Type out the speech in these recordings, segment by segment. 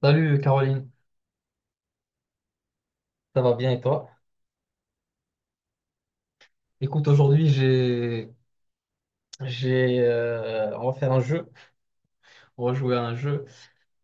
Salut Caroline, ça va bien et toi? Écoute, aujourd'hui j'ai on va faire un jeu, on va jouer à un jeu.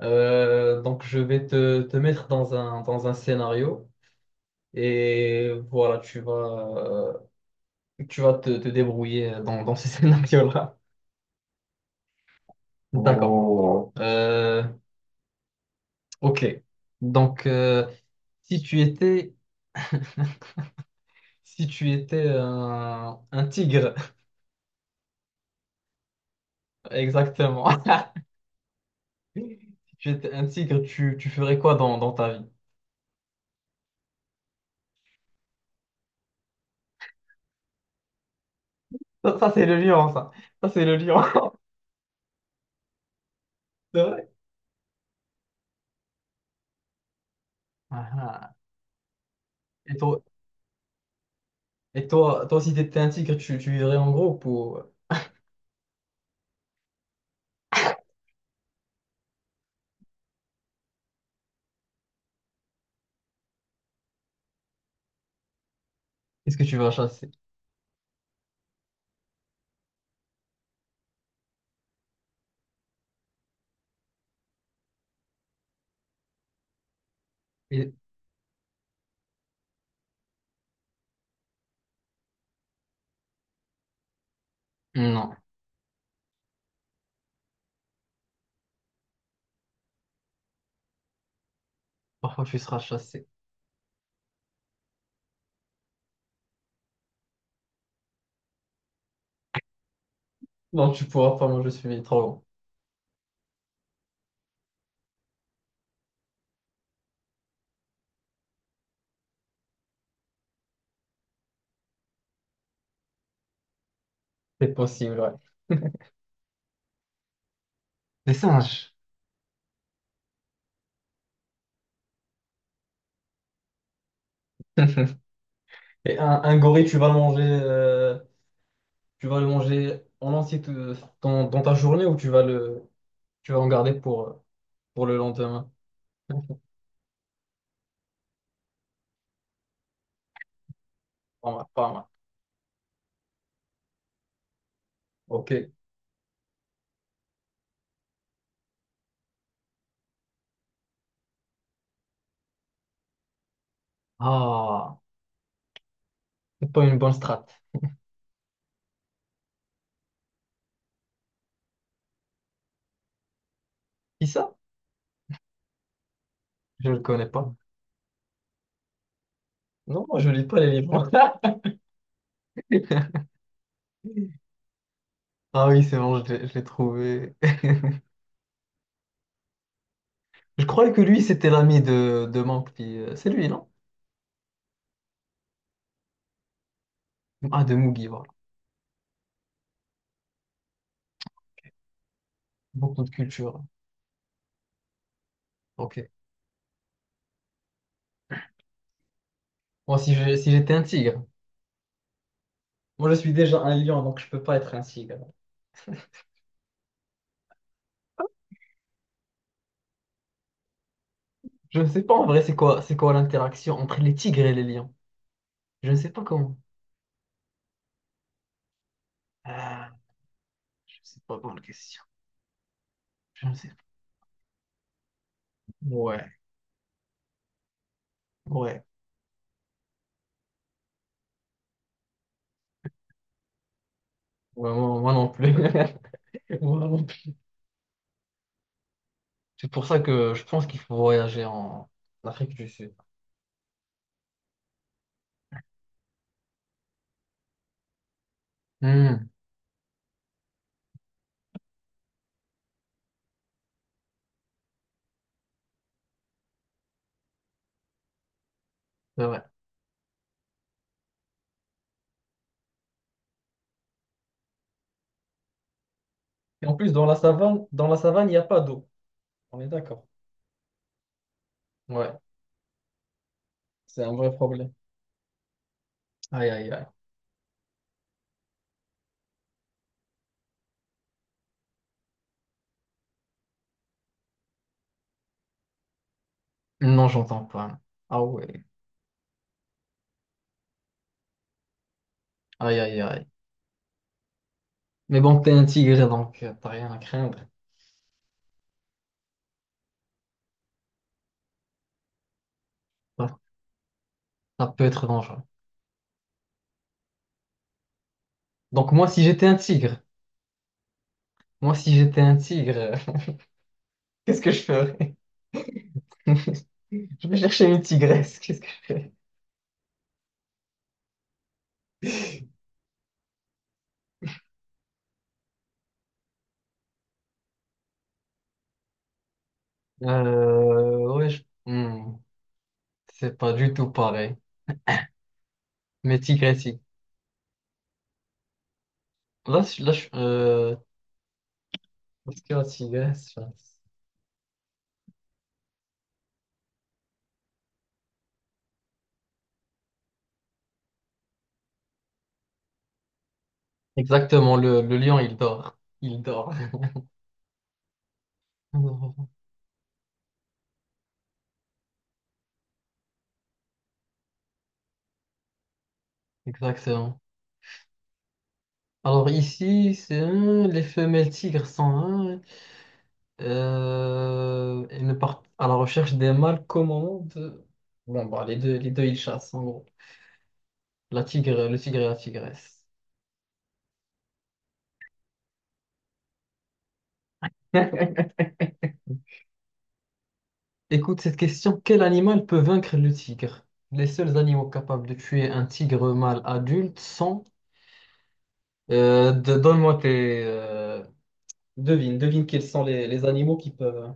Donc je vais te mettre dans un scénario et voilà, euh, tu vas te débrouiller dans ce scénario-là. D'accord. Oh. Ok. Donc si tu étais si tu étais un tigre, exactement. Si tu étais un tigre, tu ferais quoi dans ta vie? Ça, c'est le lion, ça. Ça, c'est le lion. C'est vrai. Ah, ah. Et toi, et toi, si t'étais un tigre, tu vivrais en groupe ou est-ce que tu vas chasser? Et- Non, parfois tu seras chassé. Non, tu pourras pas manger celui trop long. C'est possible, ouais. Des singes. Et un gorille, tu vas le manger, tu vas le manger en entier tout- dans ta journée ou tu vas tu vas en garder pour le lendemain? Pas mal, pas mal. Ok. Ah, c'est pas une bonne strat. Qui ça? Je le connais pas. Non, moi, je lis pas les livres. Ah oui, c'est bon, je l'ai trouvé. Je croyais que lui, c'était l'ami de Monk, puis, c'est lui, non? Ah, de Mugi, voilà. Beaucoup de culture. Ok. Moi, si j'étais un tigre. Moi, je suis déjà un lion, donc je peux pas être un tigre. Je ne sais pas en vrai, c'est quoi l'interaction entre les tigres et les lions. Je ne sais pas comment. Ah, je ne sais pas, bonne question. Je ne sais pas. Ouais, ouais. Ouais, moi non plus. Moi non plus. C'est pour ça que je pense qu'il faut voyager en Afrique du Sud. Hmm, c'est vrai. Et en plus, dans la savane, il n'y a pas d'eau. On est d'accord. Ouais, c'est un vrai problème. Aïe, aïe, aïe. Non, j'entends pas. Ah ouais. Aïe, aïe, aïe. Mais bon, t'es un tigre, donc t'as rien à craindre. Ça, ça peut être dangereux. Donc moi, si j'étais un tigre, moi, si j'étais un tigre, euh, qu'est-ce que je ferais? Je vais chercher une tigresse. Qu'est-ce que je fais? Euh, ouais, je- hmm, c'est pas du tout pareil. Mais tigresse, il- là, je- là, je- euh, parce que la tigresse, exactement, le lion, il dort. Il dort. Exactement. Alors ici, c'est hein, les femelles tigres sont hein, et ne partent à la recherche des mâles qu'au moment de... Bon, bah, les deux, ils chassent, en gros. La tigre, le tigre et la tigresse. Écoute cette question. Quel animal peut vaincre le tigre? Les seuls animaux capables de tuer un tigre mâle adulte sont... donne-moi tes... devine quels sont les animaux qui peuvent...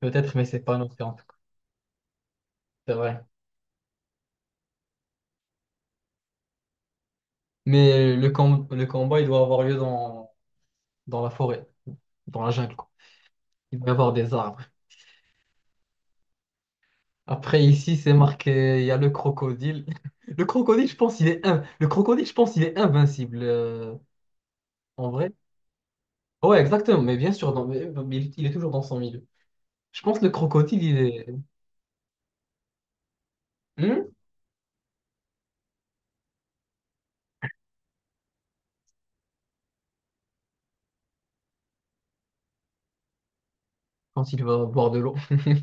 Peut-être, mais c'est pas noté en tout cas, c'est vrai. Mais le combat, il doit avoir lieu dans la forêt, dans la jungle, quoi. Il doit y avoir des arbres. Après, ici, c'est marqué, il y a le crocodile. Le crocodile, je pense, il est invincible, en vrai. Ouais, exactement, mais bien sûr, mais il est toujours dans son milieu. Je pense que le crocodile, il est... Hmm. Quand il va boire de l'eau.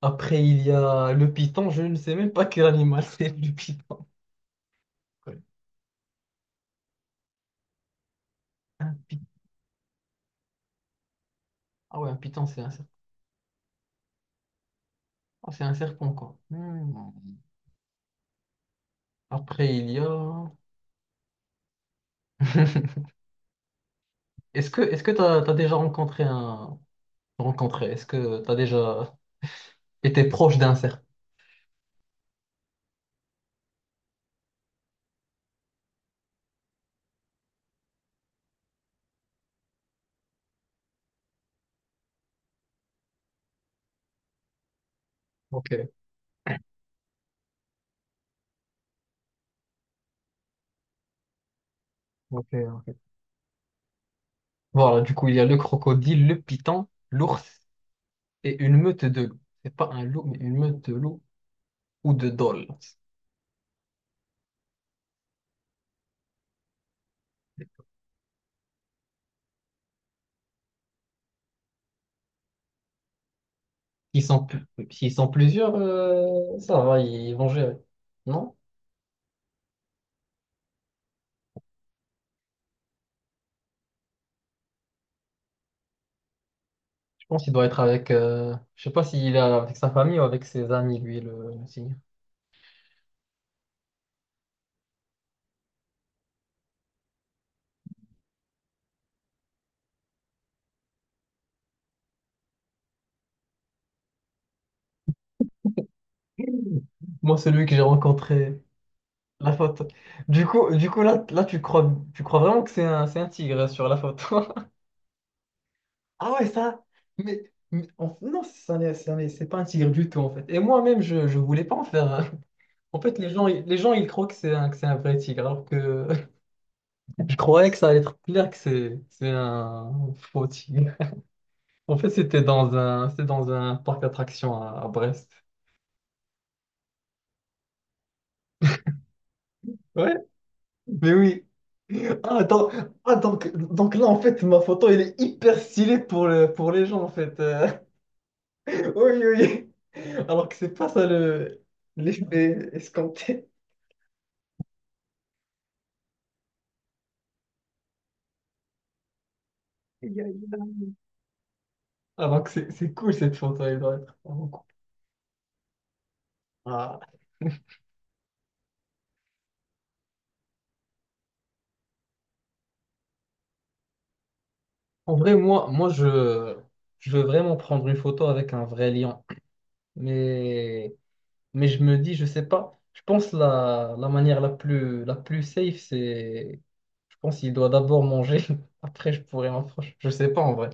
Après, il y a le python, je ne sais même pas quel animal c'est, le python. Ouais. Un python. Ah ouais, un python, ah, c'est un serpent, quoi. Hmm. Après, il y a... est-ce que t'as déjà rencontré un... Rencontré, est-ce que t'as déjà été proche d'un serpent? Ok, ok. Voilà, du coup, il y a le crocodile, le python, l'ours et une meute de loups. C'est pas un loup, mais une meute de loups ou de dholes. S'ils sont plusieurs, ça va, ils vont gérer. Non? Je pense qu'il doit être avec... Je sais pas s'il est avec sa famille ou avec ses amis, lui, le signe. Moi, celui que j'ai rencontré... La faute. Du coup, là tu crois vraiment que c'est c'est un tigre sur la photo. Ah ouais, ça. Non, ça n'est- c'est pas un tigre du tout en fait. Et moi-même, je voulais pas en faire. Un. En fait, les gens, ils croient que c'est que c'est un vrai tigre, alors que je croyais que ça allait être clair que c'est un faux tigre. En fait, c'était c'était dans un parc d'attractions à Brest. Ouais, mais oui. Ah, donc, ah, donc là, en fait, ma photo, elle est hyper stylée pour pour les gens, en fait. Oui, oui. Oui. Alors que c'est pas ça le l'effet escompté. Aïe, aïe. Alors que c'est cool cette photo, elle doit être vraiment cool. Ah. En vrai, moi je veux vraiment prendre une photo avec un vrai lion. Mais, mais je me dis, je sais pas. Je pense la manière la plus safe, c'est. Je pense qu'il doit d'abord manger. Après, je pourrais m'approcher. Je sais pas en vrai.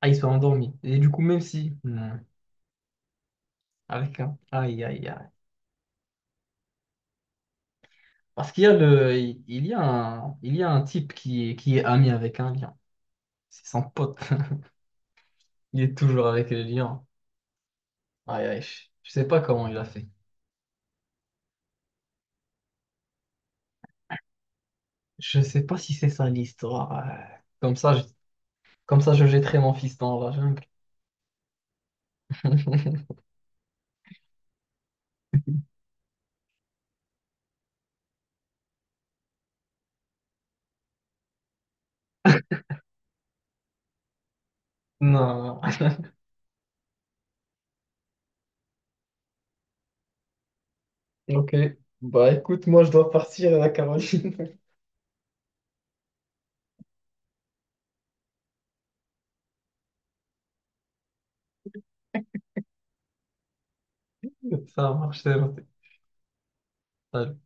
Ah, ils sont endormis. Et du coup, même si. Hmm. Avec un. Aïe, aïe, aïe. Parce qu'il y a il y a il y a un type qui est ami avec un lion. C'est son pote. Il est toujours avec le lion. Aïe, aïe, je sais pas comment il a fait. Je sais pas si c'est ça l'histoire. Comme ça, comme ça, je jetterai mon fils dans la jungle. Non. Ok. Bah écoute, moi je dois partir à la Caroline. Ça marche, c'est noté. Salut.